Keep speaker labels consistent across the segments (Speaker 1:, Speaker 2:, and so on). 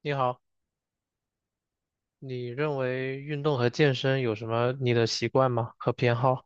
Speaker 1: 你好，你认为运动和健身有什么你的习惯吗？和偏好？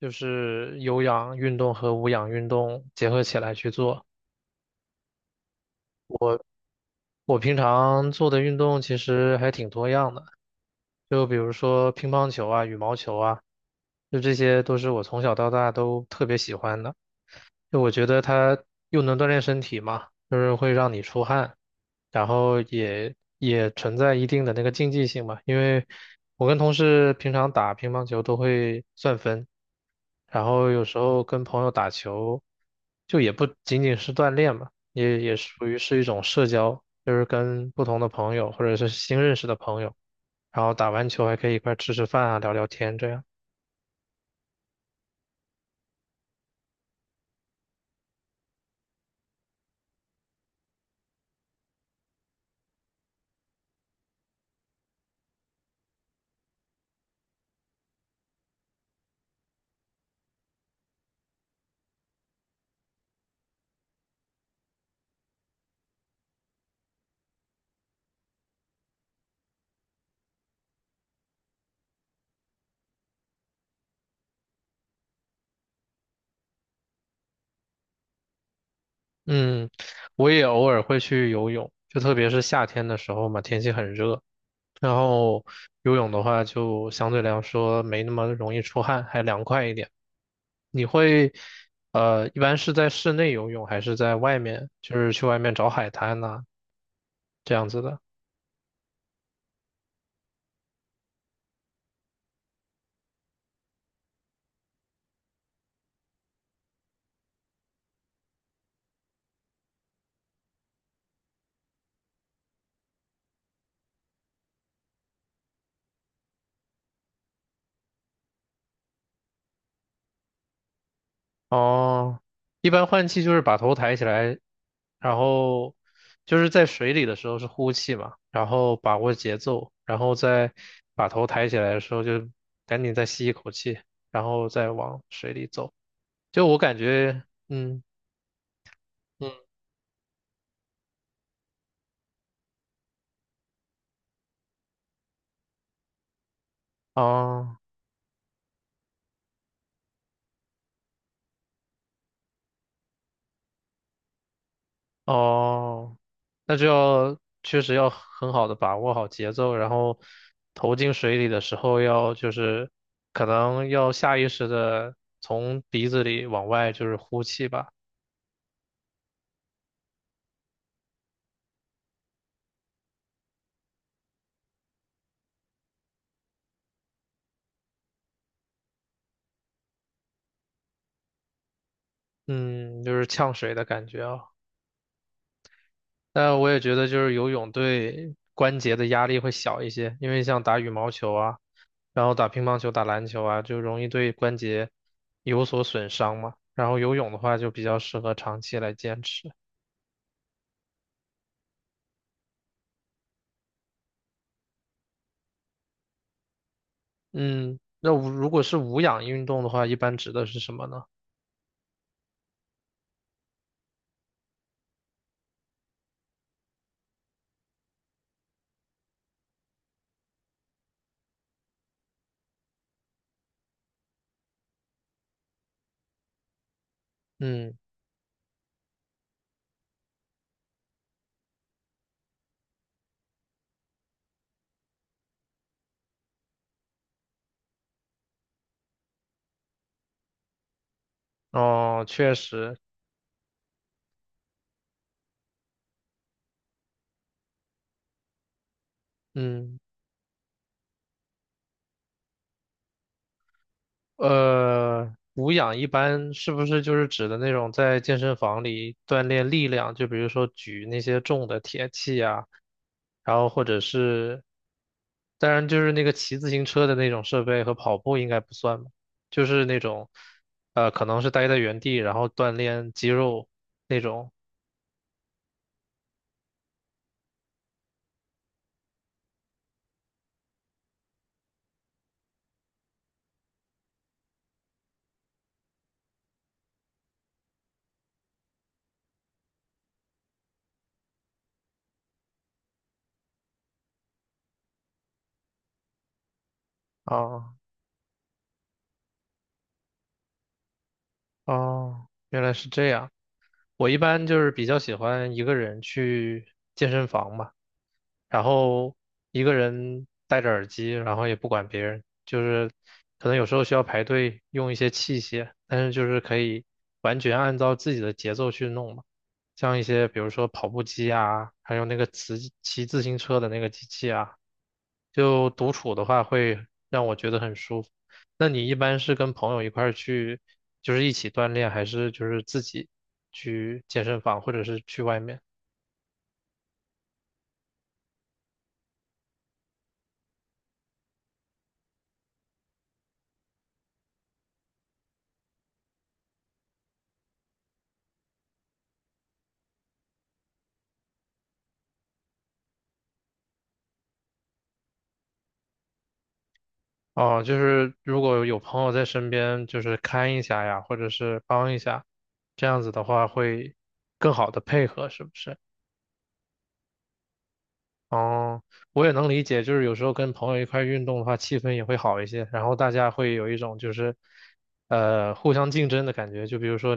Speaker 1: 就是有氧运动和无氧运动结合起来去做。我平常做的运动其实还挺多样的，就比如说乒乓球啊、羽毛球啊，就这些都是我从小到大都特别喜欢的。就我觉得它又能锻炼身体嘛，就是会让你出汗，然后也存在一定的那个竞技性嘛，因为我跟同事平常打乒乓球都会算分，然后有时候跟朋友打球，就也不仅仅是锻炼嘛，也属于是一种社交，就是跟不同的朋友或者是新认识的朋友，然后打完球还可以一块儿吃吃饭啊，聊聊天这样。嗯，我也偶尔会去游泳，就特别是夏天的时候嘛，天气很热，然后游泳的话就相对来说没那么容易出汗，还凉快一点。你会，一般是在室内游泳还是在外面，就是去外面找海滩呐、这样子的？哦，一般换气就是把头抬起来，然后就是在水里的时候是呼气嘛，然后把握节奏，然后再把头抬起来的时候就赶紧再吸一口气，然后再往水里走。就我感觉，嗯，嗯，哦。哦，那就要确实要很好的把握好节奏，然后投进水里的时候要就是可能要下意识的从鼻子里往外就是呼气吧，嗯，就是呛水的感觉啊。但我也觉得就是游泳对关节的压力会小一些，因为像打羽毛球啊，然后打乒乓球、打篮球啊，就容易对关节有所损伤嘛。然后游泳的话就比较适合长期来坚持。嗯，那无如果是无氧运动的话，一般指的是什么呢？嗯，哦，确实，嗯，无氧一般是不是就是指的那种在健身房里锻炼力量，就比如说举那些重的铁器啊，然后或者是，当然就是那个骑自行车的那种设备和跑步应该不算吧，就是那种，可能是待在原地然后锻炼肌肉那种啊，哦，原来是这样。我一般就是比较喜欢一个人去健身房嘛，然后一个人戴着耳机，然后也不管别人，就是可能有时候需要排队用一些器械，但是就是可以完全按照自己的节奏去弄嘛，像一些比如说跑步机啊，还有那个骑自行车的那个机器啊，就独处的话会让我觉得很舒服。那你一般是跟朋友一块儿去，就是一起锻炼，还是就是自己去健身房，或者是去外面？哦，就是如果有朋友在身边，就是看一下呀，或者是帮一下，这样子的话会更好的配合，是不是？哦，我也能理解，就是有时候跟朋友一块儿运动的话，气氛也会好一些，然后大家会有一种就是，互相竞争的感觉。就比如说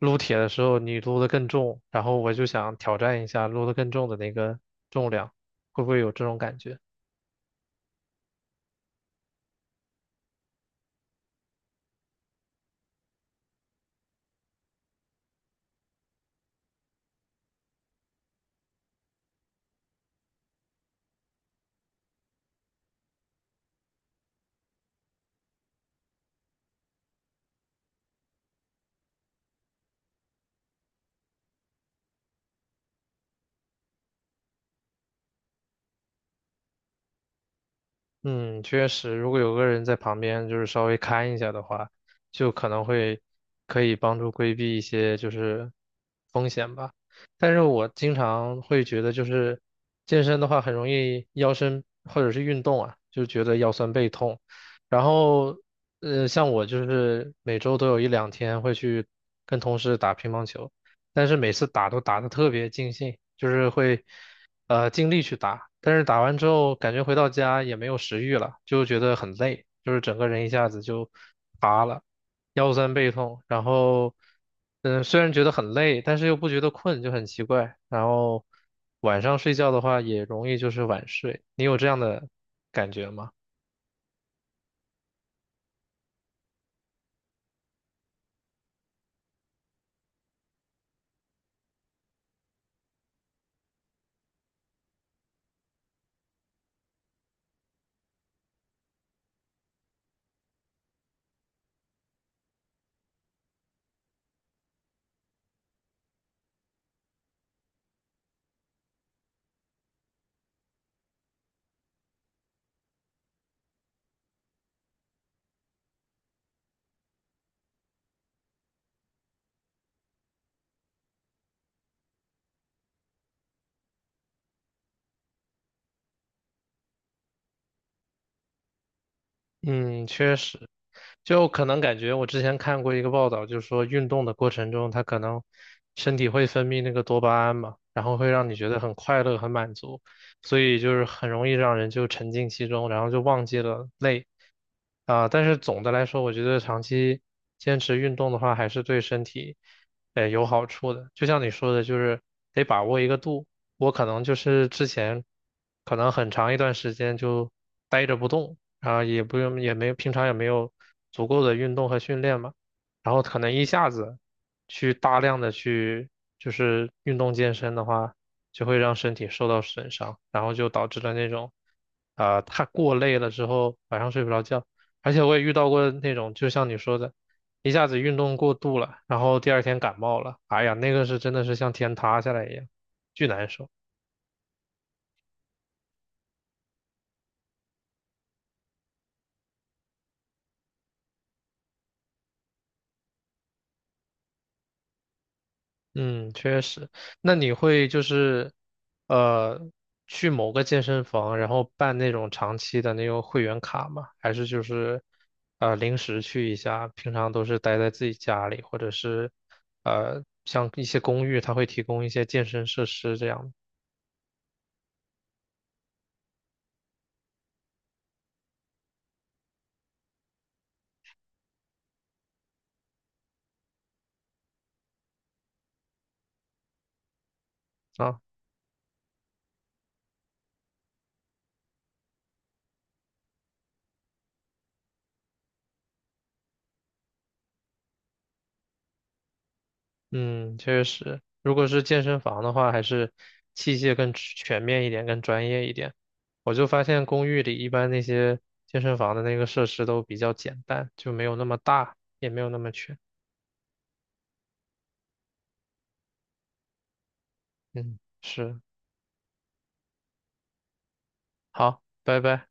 Speaker 1: 撸铁的时候，你撸的更重，然后我就想挑战一下撸的更重的那个重量，会不会有这种感觉？嗯，确实，如果有个人在旁边，就是稍微看一下的话，就可能可以帮助规避一些就是风险吧。但是我经常会觉得，就是健身的话很容易腰身或者是运动啊，就觉得腰酸背痛。然后，像我就是每周都有一两天会去跟同事打乒乓球。但是每次打都打得特别尽兴，就是会尽力去打，但是打完之后感觉回到家也没有食欲了，就觉得很累，就是整个人一下子就乏了，腰酸背痛，然后虽然觉得很累，但是又不觉得困，就很奇怪。然后晚上睡觉的话也容易就是晚睡，你有这样的感觉吗？嗯，确实，就可能感觉我之前看过一个报道，就是说运动的过程中，它可能身体会分泌那个多巴胺嘛，然后会让你觉得很快乐、很满足，所以就是很容易让人就沉浸其中，然后就忘记了累。啊，但是总的来说，我觉得长期坚持运动的话，还是对身体，有好处的。就像你说的，就是得把握一个度。我可能就是之前，可能很长一段时间就呆着不动，啊，也不用，也没有，平常也没有足够的运动和训练嘛，然后可能一下子去大量的去就是运动健身的话，就会让身体受到损伤，然后就导致了那种，啊、太过累了之后晚上睡不着觉，而且我也遇到过那种，就像你说的，一下子运动过度了，然后第二天感冒了，哎呀，那个是真的是像天塌下来一样，巨难受。嗯，确实。那你会就是，呃，去某个健身房，然后办那种长期的那种会员卡吗？还是就是，临时去一下？平常都是待在自己家里，或者是，像一些公寓，它会提供一些健身设施这样啊。嗯，确实，如果是健身房的话，还是器械更全面一点，更专业一点。我就发现公寓里一般那些健身房的那个设施都比较简单，就没有那么大，也没有那么全。嗯，是，好，拜拜。